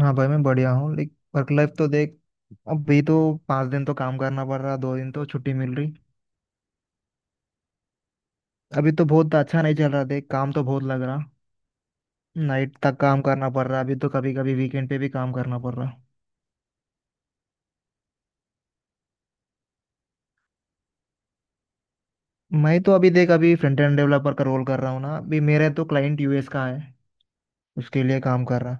हाँ भाई, मैं बढ़िया हूँ। लाइक वर्क लाइफ तो देख, अभी तो 5 दिन तो काम करना पड़ रहा, 2 दिन तो छुट्टी मिल रही। अभी तो बहुत अच्छा नहीं चल रहा देख, काम तो बहुत लग रहा। नाइट तक काम करना पड़ रहा अभी तो। कभी कभी वीकेंड पे भी काम करना पड़ रहा। मैं तो अभी देख, अभी फ्रंट एंड डेवलपर का रोल कर रहा हूँ ना। अभी मेरा तो क्लाइंट यूएस का है, उसके लिए काम कर रहा।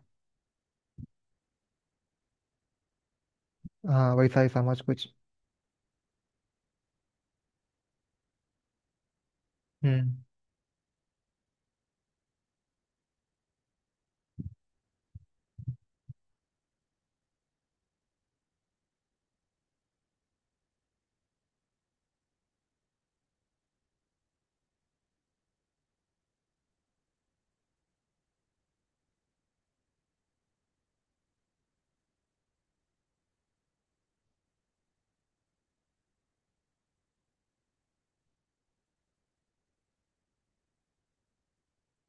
हाँ वैसा ही समझ कुछ। हम्म।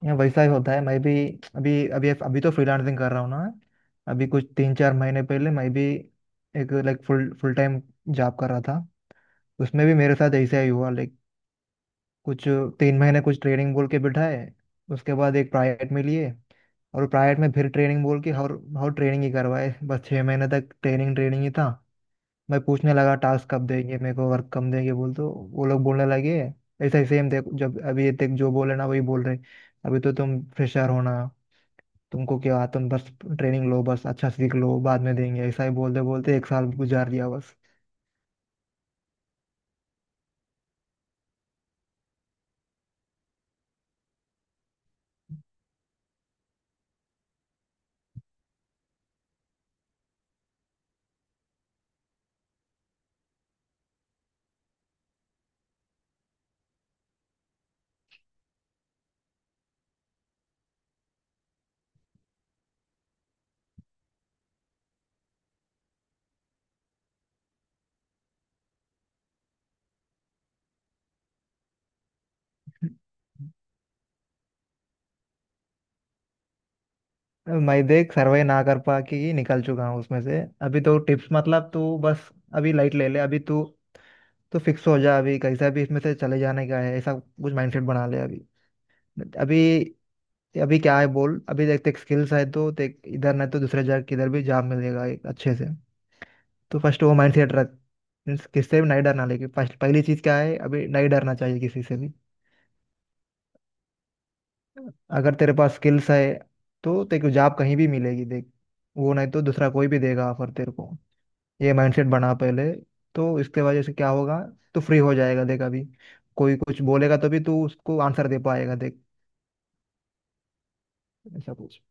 यहाँ वैसा ही होता है, मैं भी। अभी अभी अभी तो फ्रीलांसिंग कर रहा हूँ ना। अभी कुछ 3-4 महीने पहले मैं भी एक like full full time job कर रहा था। उसमें भी मेरे साथ ऐसा ही हुआ लाइक। कुछ 3 महीने कुछ ट्रेनिंग बोल के बिठाए। उसके बाद एक प्राइवेट में लिए, और प्राइवेट में फिर ट्रेनिंग बोल के, और ट्रेनिंग ही करवाए बस। 6 महीने तक ट्रेनिंग ट्रेनिंग ही था। मैं पूछने लगा, टास्क कब देंगे मेरे को, वर्क कम देंगे बोल, तो वो लोग बोलने लगे ऐसा ही सेम देखो, जब अभी ये तक जो बोले ना वही बोल रहे। अभी तो तुम फ्रेशर हो ना, तुमको क्या, तुम बस ट्रेनिंग लो बस, अच्छा सीख लो बाद में देंगे, ऐसा ही बोलते बोलते एक साल गुजार दिया बस। मैं देख सर्वे ना कर पा के ही निकल चुका हूँ उसमें से। अभी तो टिप्स मतलब, तू बस अभी लाइट ले ले। अभी तू तू फिक्स हो जा अभी, कैसा भी इसमें से चले जाने का है, ऐसा कुछ माइंडसेट बना ले अभी। अभी अभी क्या है बोल। अभी देख तेरे स्किल्स है तो देख, इधर नहीं तो दूसरे जगह किधर भी जॉब मिलेगा एक अच्छे से। तो फर्स्ट वो माइंडसेट रख। मीन्स किससे भी नहीं डरना। लेकिन फर्स्ट, पहली चीज़ क्या है, अभी नहीं डरना चाहिए किसी से भी। अगर तेरे पास स्किल्स है तो तेरे को जॉब कहीं भी मिलेगी देख। वो नहीं तो दूसरा कोई भी देगा ऑफर तेरे को। ये माइंडसेट बना पहले, तो इसके वजह से क्या होगा, तो फ्री हो जाएगा देख अभी। कोई कुछ बोलेगा तभी तू उसको आंसर दे पाएगा देख, ऐसा कुछ।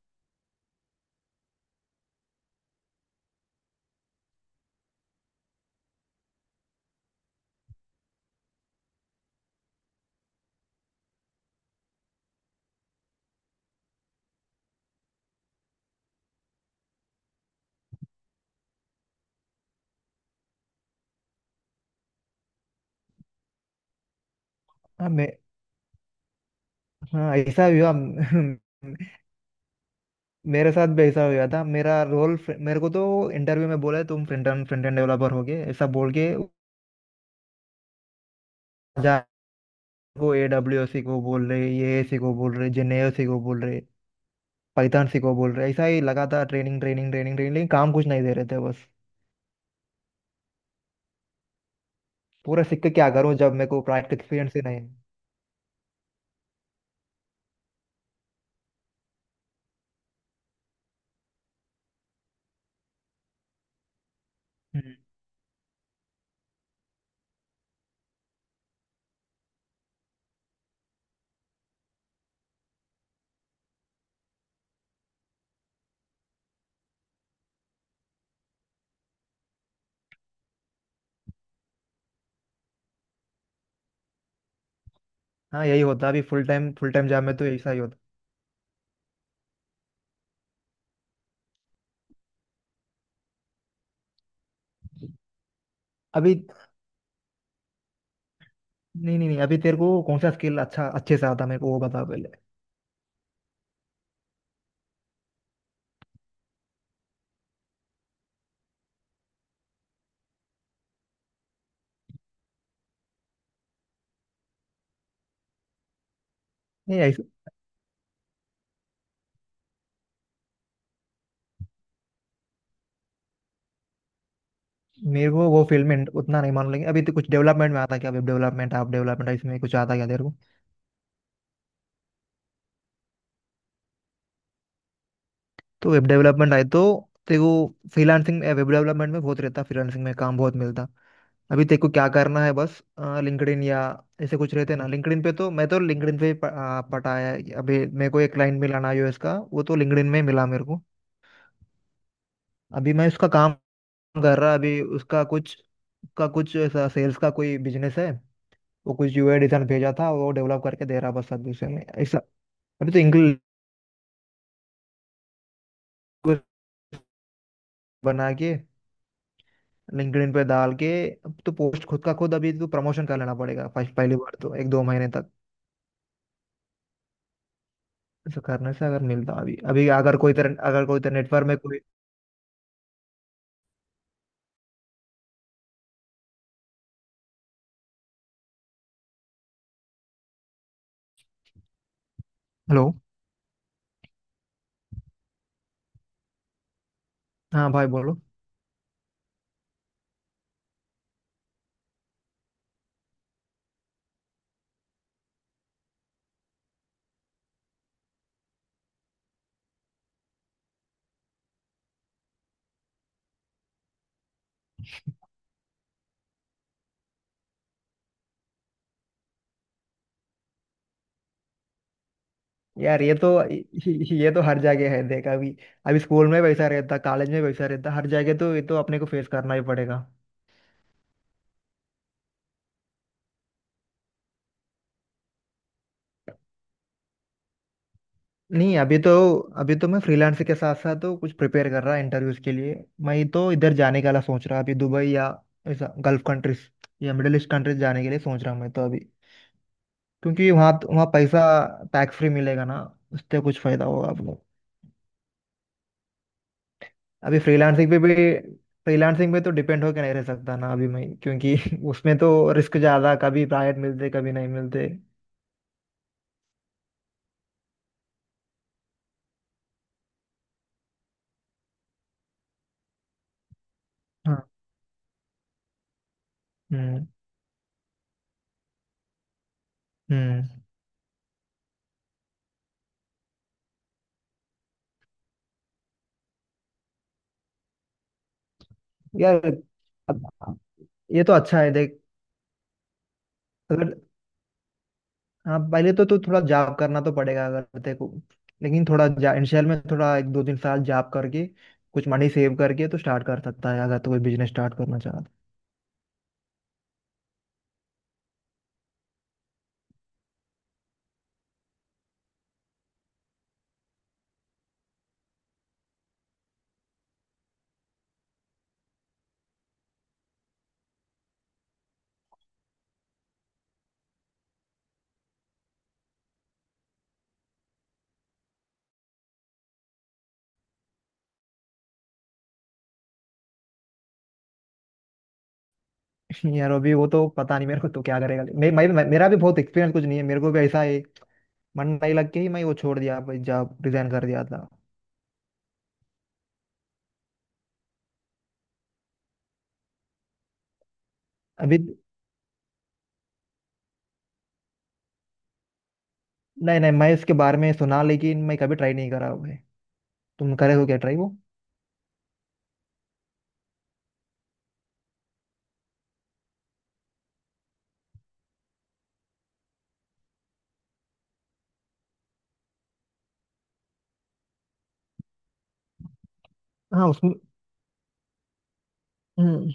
हाँ मैं हाँ, ऐसा भी हुआ मेरे साथ भी ऐसा हुआ था। मेरा रोल, मेरे को तो इंटरव्यू में बोला तुम फ्रंट एंड डेवलपर हो गए ऐसा बोल के जा को ए डब्ल्यू सी को बोल रहे, ये सी को बोल रहे, जेनेओ सी को बोल रहे, पाइथन सी को बोल रहे। ऐसा ही लगातार ट्रेनिंग ट्रेनिंग ट्रेनिंग ट्रेनिंग, लेकिन काम कुछ नहीं दे रहे थे बस। पूरा सीख के क्या करूं जब मेरे को प्रैक्टिकल एक्सपीरियंस ही नहीं है। हाँ यही होता अभी। फुल टाइम जॉब में तो ऐसा ही होता अभी। नहीं नहीं नहीं, अभी तेरे को कौन सा स्किल अच्छा अच्छे से आता, मेरे को वो बता पहले। नहीं ऐसा मेरे को वो फील्ड में उतना नहीं मालूम, लेकिन अभी तो कुछ डेवलपमेंट में आता क्या, वेब डेवलपमेंट, ऐप डेवलपमेंट, इसमें कुछ आता क्या तेरे को? तो वेब डेवलपमेंट आए तो तेरे को फ्रीलांसिंग, वेब डेवलपमेंट में बहुत रहता फ्रीलांसिंग में, काम बहुत मिलता। अभी तेरे को क्या करना है बस, लिंक्डइन या ऐसे कुछ रहते ना। लिंक्डइन पे तो, मैं तो लिंक्डइन पे पटा है, अभी मेरे को एक क्लाइंट मिला ना यूएस का, वो तो लिंक्डइन में मिला मेरे को। अभी मैं उसका काम कर रहा। अभी उसका कुछ, का कुछ ऐसा सेल्स का कोई बिजनेस है, वो कुछ यूआई डिजाइन भेजा था, वो डेवलप करके दे रहा बस अभी उसे में ऐसा। अभी तो इंग्लिश बना के लिंक्डइन पे डाल के, अब तो पोस्ट खुद का खुद, अभी तो प्रमोशन कर लेना पड़ेगा फर्स्ट, पहली बार तो 1-2 महीने तक। ऐसा करने से अगर मिलता अभी अभी अगर कोई तरह नेटवर्क में कोई। हेलो। हाँ भाई बोलो। यार ये तो हर जगह है देख अभी। अभी स्कूल में वैसा रहता, कॉलेज में वैसा रहता, हर जगह। तो ये तो अपने को फेस करना ही पड़ेगा। नहीं अभी तो मैं फ्रीलांस के साथ साथ तो कुछ प्रिपेयर कर रहा इंटरव्यूज के लिए। मैं तो इधर जाने का सोच रहा अभी, दुबई या ऐसा गल्फ कंट्रीज या मिडिल ईस्ट कंट्रीज जाने के लिए सोच रहा हूँ मैं तो अभी। क्योंकि वहाँ, पैसा टैक्स फ्री मिलेगा ना, उससे कुछ फायदा होगा आपको। अभी फ्रीलांसिंग पे तो डिपेंड होके नहीं रह सकता ना अभी मैं, क्योंकि उसमें तो रिस्क ज्यादा, कभी प्राइवेट मिलते कभी नहीं मिलते। हाँ। हम्म। हम्म। यार अब, ये तो अच्छा है देख। अगर, हाँ पहले तो, थोड़ा जॉब करना तो पड़ेगा अगर तेरे को। लेकिन थोड़ा इनिशियल में, थोड़ा एक दो तीन साल जॉब करके कुछ मनी सेव करके तो स्टार्ट कर सकता है, अगर तो कोई बिजनेस स्टार्ट करना चाहता है। यार अभी वो तो पता नहीं मेरे को, तो क्या करेगा, मे, मे, मे, मेरा भी बहुत एक्सपीरियंस कुछ नहीं है, मेरे को भी ऐसा है मन नहीं लग के ही मैं वो छोड़ दिया, जॉब रिजाइन कर दिया था। अभी नहीं नहीं, मैं इसके बारे में सुना, लेकिन मैं कभी ट्राई नहीं करा हुआ है। तुम करे हो क्या ट्राई वो? हाँ उसमें। हम्म।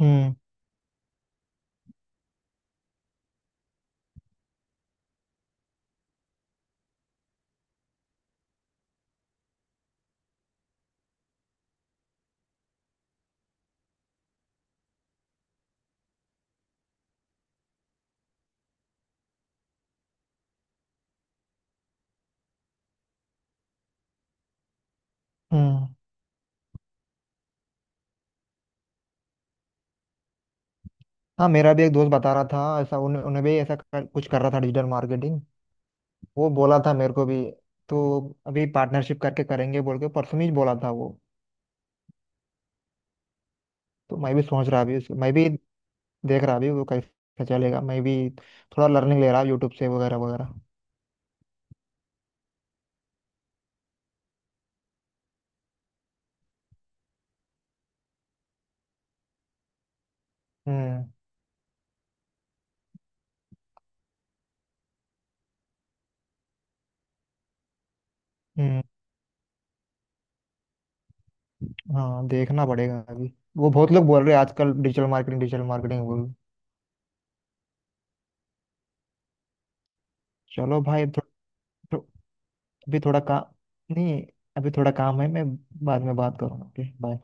हम्म। हम्म। हाँ मेरा भी एक दोस्त बता रहा था ऐसा, उन्हें भी ऐसा कुछ कर रहा था डिजिटल मार्केटिंग। वो बोला था मेरे को भी। तो अभी पार्टनरशिप करके करेंगे बोल के परसों ही बोला था वो। तो मैं भी सोच रहा अभी मैं भी देख रहा अभी वो कैसे चलेगा। मैं भी थोड़ा लर्निंग ले रहा यूट्यूब से वगैरह वगैरह। हम्म। हम्म। हाँ देखना पड़ेगा अभी वो, बहुत लोग बोल रहे हैं आजकल डिजिटल मार्केटिंग, डिजिटल मार्केटिंग बोल। चलो भाई, थो, थो, अभी थोड़ा काम, नहीं अभी थोड़ा काम है, मैं बाद में बात करूँगा। Okay bye.